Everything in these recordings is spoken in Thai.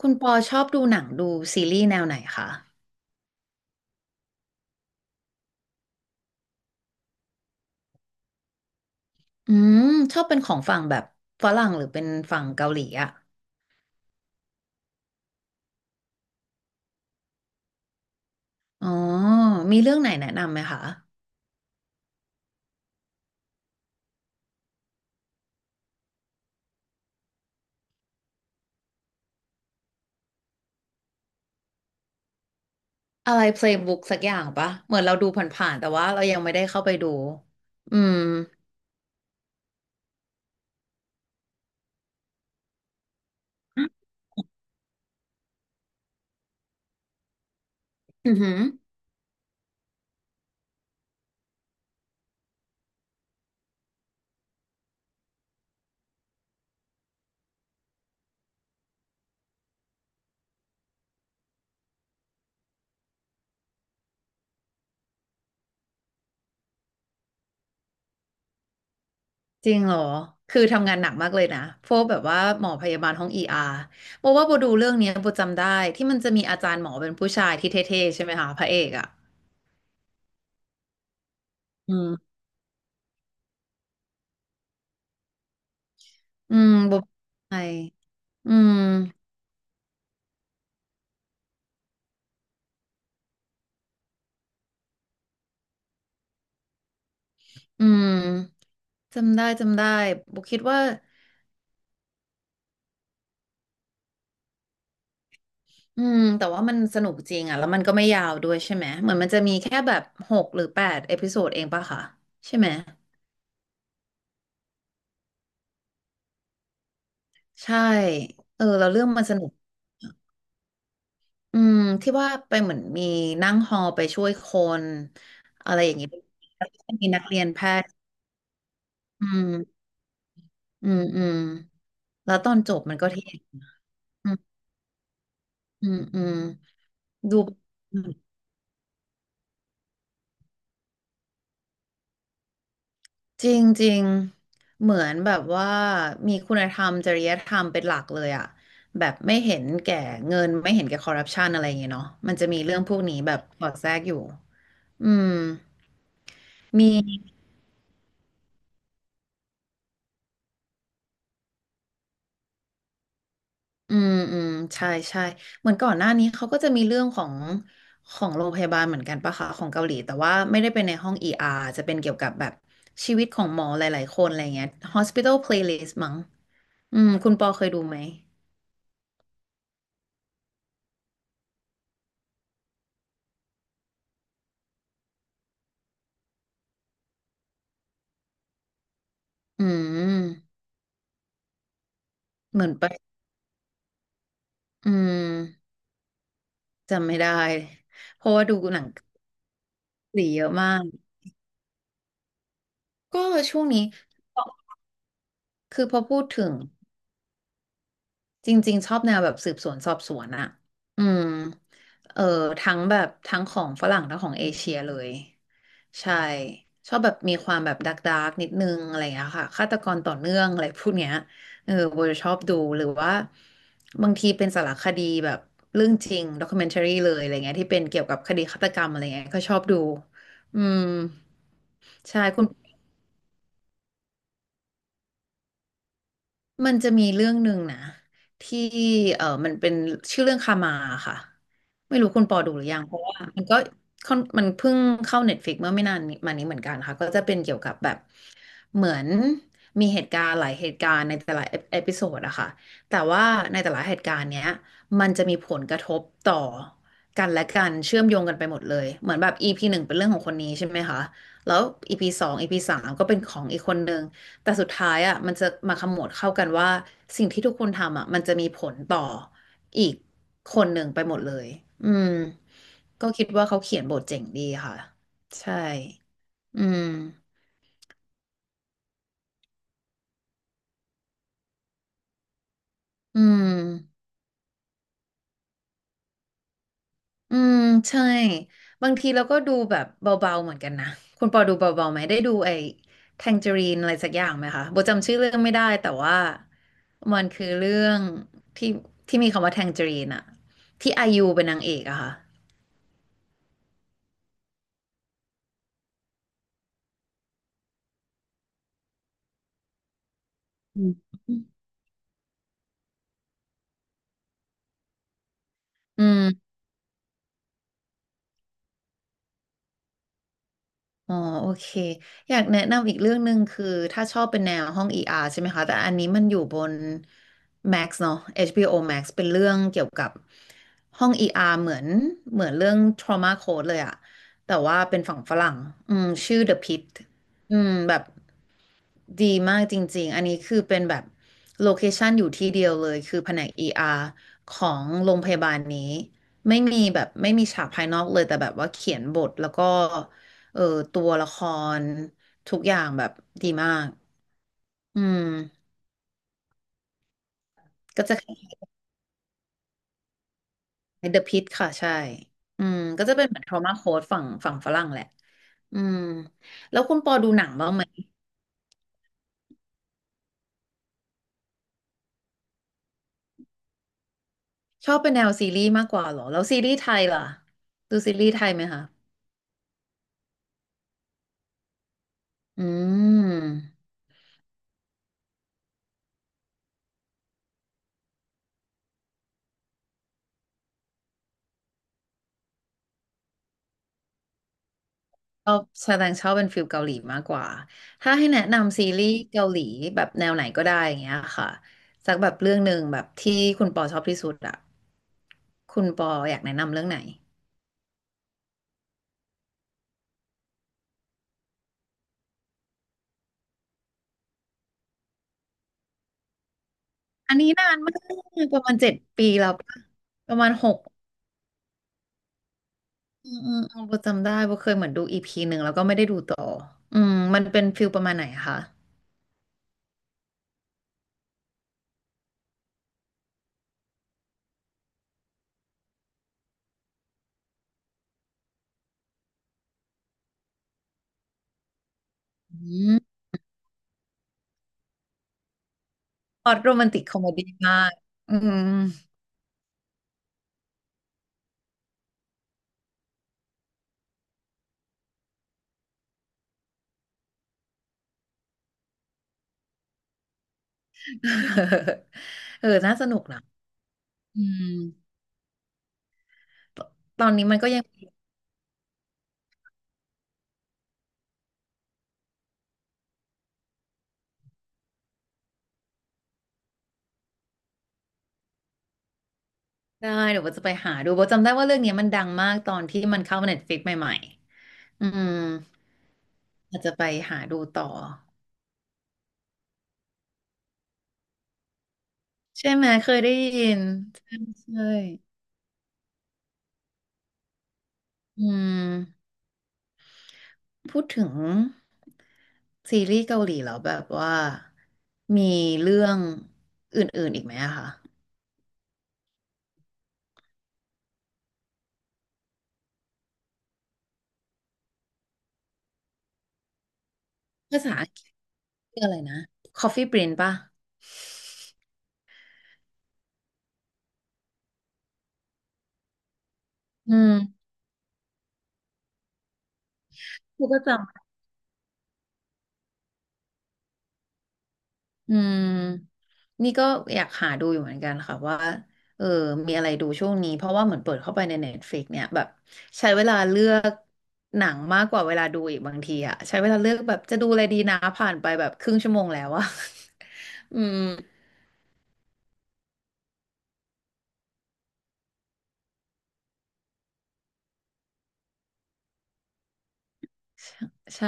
คุณปอชอบดูหนังซีรีส์แนวไหนคะอืมชอบเป็นของฝั่งแบบฝรั่งหรือเป็นฝั่งเกาหลีอะอ๋อมีเรื่องไหนแนะนำไหมคะ อะไร Playbook สักอย่างปะเหมือนเราดูผ่านๆแต่ว่าเรายังไม่ได้เข้าไปดูอืมอือหือจริงเหรอ คือทำงานหนักมากเลยนะพวกแบบว่าหมอพยาบาลห้องเออาร์โบดูเรื่องเนี้ยโบจำได้ที่มันจะมีอาจารย์หมอเป็นผู้ชายที่เท่ๆใช่ไหมคะพระเอกอะอืมอืมโบใช่อืมอืม จำได้บุกคิดว่าอืมแต่ว่ามันสนุกจริงอ่ะแล้วมันก็ไม่ยาวด้วยใช่ไหมเหมือนมันจะมีแค่แบบหกหรือแปดเอพิโซดเองปะคะใช่ไหมใช่เออแล้วเรื่องมันสนุกอืมที่ว่าไปเหมือนมีนั่งฮอลไปช่วยคนอะไรอย่างเงี้ยแล้วก็มีนักเรียนแพทย์อืมอืมอืมแล้วตอนจบมันก็เท่อืมอืมอืมดู จริงจริงเหมือนแบบว่ามีคุณธรรมจริยธรรมเป็นหลักเลยอะแบบไม่เห็นแก่เงินไม่เห็นแก่คอร์รัปชันอะไรอย่างเงี้ยเนาะมันจะมีเรื่องพวกนี้แบบสอดแทรกอยู่อืมมีอืมอืมใช่ใช่เหมือนก่อนหน้านี้เขาก็จะมีเรื่องของโรงพยาบาลเหมือนกันปะคะของเกาหลีแต่ว่าไม่ได้เป็นในห้อง ER จะเป็นเกี่ยวกับแบบชีวิตของหมอหลายๆคนอะไรเงี้ย Hospital Playlist มั้งอืมคุณปอเคยดูไหมอืมเหมือนไปอืม จำไม่ได้ เพราะว่าดูหนังเกาหลีเยอะมาก ก็ช่วงนี้คือพอพูดถึง จริงๆชอบแนวแบบสืบสวนสอบสวนอะอืมเออทั้งแบบทั้งของฝรั่งทั้งของเอเชียเลยใช่ชอบแบบมีความแบบดักนิดนึงอะไรอย่างเงี้ยค่ะฆาตกรต่อเนื่องอะไรพวกเนี้ยเออโบจะชอบดูหรือว่าบางทีเป็นสารคดีแบบเรื่องจริงด็อก m e n t a r y เลยอะไรเงี้ยที่เป็นเกี่ยวกับคดีฆาตกรรมอะไรเงี้ยก็ชอบดูอืมใช่คุณ มันจะมีเรื่องหนึ่งนะที่เออมันเป็นชื่อเรื่องคามาค่ะไม่รู้คุณปอดูหรือยังเพราะว่ามันก็ค่อนมันเพิ่งเข้าเน็ตฟ i ิกเมื่อไม่นานนี้มานี้เหมือนกันค่ะก็จะเป็นเกี่ยวกับแบบ เหมือนมีเหตุการณ์หลายเหตุการณ์ในแต่ละเอพิโซดอะค่ะแต่ว่าในแต่ละเหตุการณ์เนี้ยมันจะมีผลกระทบต่อกันและกันเชื่อมโยงกันไปหมดเลยเหมือนแบบ EP หนึ่งเป็นเรื่องของคนนี้ใช่ไหมคะแล้ว EP สอง EP สามก็เป็นของอีกคนนึงแต่สุดท้ายอะมันจะมาขมวดเข้ากันว่าสิ่งที่ทุกคนทำอะมันจะมีผลต่ออีกคนหนึ่งไปหมดเลยอืมก็คิดว่าเขาเขียนบทเจ๋งดีค่ะใช่อืมอืม อืมใช่บางทีเราก็ดูแบบเบาๆเหมือนกันนะคุณปอดูเบาๆไหมได้ดูไอ้แทงเจอรีนอะไรสักอย่างไหมคะโบจำชื่อเรื่องไม่ได้แต่ว่ามันคือเรื่องที่ที่มีคำว่าแทงเจอรีนอะที่ไอายูเป็นนางเอกอะค่ะอืมอืม อ๋อโอเคอยากแนะนำอีกเรื่องหนึ่งคือถ้าชอบเป็นแนวห้อง ER ใช่ไหมคะแต่อันนี้มันอยู่บน Max เนอะ HBO Max เป็นเรื่องเกี่ยวกับห้อง ER เหมือนเรื่อง Trauma Code เลยอะแต่ว่าเป็นฝั่งฝรั่งอืมชื่อ The Pitt อืมแบบดีมากจริงๆอันนี้คือเป็นแบบโลเคชันอยู่ที่เดียวเลยคือแผนก ER ของโรงพยาบาลนี้ไม่มีฉากภายนอกเลยแต่แบบว่าเขียนบทแล้วก็ เออตัวละครทุกอย่างแบบดีมากอืมก็จะคล้ายๆ The Pitt ค่ะใช่อืมก็จะเป็นเหมือน trauma code ฝั่งฝรั่งแหละอืมแล้วคุณปอดูหนังบ้างไหมชอบเป็นแนวซีรีส์มากกว่าเหรอแล้วซีรีส์ไทยล่ะดูซีรีส์ไทยไหมคะอืม ชอบแสดงชอบเป็นฟิลเกาหลีมากกว่าถ้าให้แนะนำซีรีส์เกาหลีแบบแนวไหนก็ได้อย่างเงี้ยค่ะสักแบบเรื่องหนึ่งแบบที่คุณปอชอบที่สุดอะคุณปออยากแนะนำเรื่องไหนอันนี้นานมากประมาณเจ็ดปีแล้วปะประมาณหกอืมอืมอืมโบจำได้โบเคยเหมือนดูอีพีหนึ่งแล้วก็ไม่ได้ดูต่ออืมมันเป็นฟิลประมาณไหนคะอืมพล็อตโรแมนติกคอมเมดี้มากอืม เออน่าสนุกนะอืมตตอนนี้มันก็ยัง ได้เดี๋ยวโบจะไปหาดูโบจำได้ว่าเรื่องเนี้ยมันดังมากตอนที่มันเข้าเน็ฟิกใหม่ๆอืมอาจจะไปหาดูต่อใช่ไหมเคยได้ยินใช่ใช่อืมพูดถึงซีรีส์เกาหลีแล้วแบบว่ามีเรื่องอื่นๆอีกไหมอะคะภาษาอังกฤษเรื่องอะไรนะ Coffee Prince ป่ะอืมกูก็จ อืมนี่ก็อยากหาดูอยู่เหมือนกันค่ะว่าเออมีอะไรดูช่วงนี้เพราะว่าเหมือนเปิดเข้าไปใน Netflix เนี่ยแบบใช้เวลาเลือกหนังมากกว่าเวลาดูอีกบางทีอะใช้เวลาเลือกแบบจะดูอะไรดีนะผ่านไปแบบครึ่งชั่วโมงแล้วอะ อืมใช่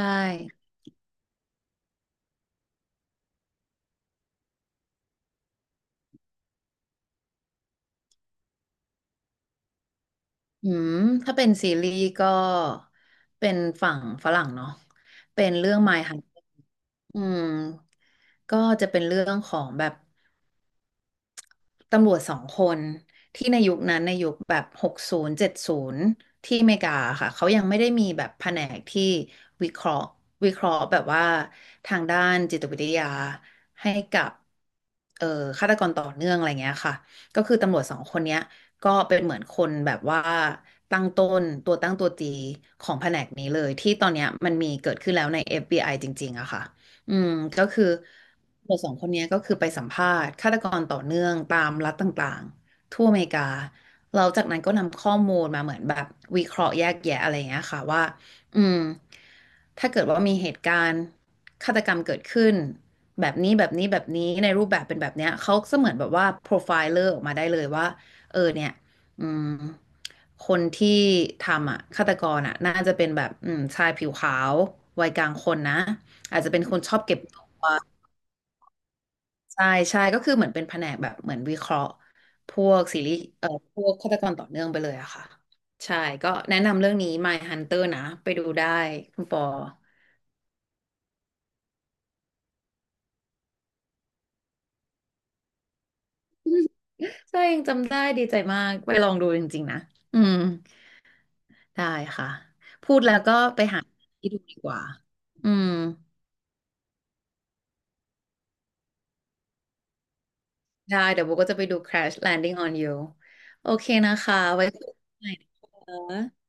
อืมถ้าเป็นซีรีส์ก็เป็นฝั่งฝรั่งเนาะเป็นเรื่อง My Hunter อืมก็จะเป็นเรื่องของแบบ ตำรวจสองคนที่ในยุคนั้นในยุคแบบ60-70ที่อเมริกาค่ะเขายังไม่ได้มีแบบแผนกที่วิเคราะห์วิเคราะห์แบบว่าทางด้านจิตวิทยาให้กับเอ่อฆาตกรต่อเนื่องอะไรเงี้ยค่ะก็คือตำรวจสองคนเนี้ยก็เป็นเหมือนคนแบบว่าตั้งต้นตัวตั้งตัวตีของแผนกนี้เลยที่ตอนเนี้ยมันมีเกิดขึ้นแล้วใน FBI จริงๆอะค่ะ อืมก็คือตำรวจสองคนเนี้ยก็คือไปสัมภาษณ์ฆาตกรต่อเนื่องตามรัฐต่างๆทั่วอเมริกาเราจากนั้นก็นำข้อมูลมาเหมือนแบบวิเคราะห์แยกแยะอะไรอย่างเงี้ยค่ะว่าอืมถ้าเกิดว่ามีเหตุการณ์ฆาตกรรมเกิดขึ้นแบบนี้แบบนี้แบบนี้ในรูปแบบเป็นแบบเนี้ยเขาก็เสมือนแบบว่าโปรไฟล์เลอร์ออกมาได้เลยว่าเออเนี่ยอืมคนที่ทำอ่ะฆาตกรอ่ะน่าจะเป็นแบบอืมชายผิวขาววัยกลางคนนะ อาจจะเป็นคนชอบเก็บตัวใช่ใช่ก็คือเหมือนเป็นแผนกแบบเหมือนวิเคราะห์พวกซีรีส์พวกฆาตกรต่อเนื่องไปเลยอะค่ะใช่ก็แนะนำเรื่องนี้ My Hunter นะไปดูได้คุณปอ ใช่ยังจำได้ดีใจมากไปลองดูจริงๆนะอืมได้ค่ะพูดแล้วก็ไปหาที่ดูดีกว่าอืมได้เดี๋ยวโบก็จะไปดู Crash Landing on You โอเคนะคะไว้คุยกันใหม่นะคะ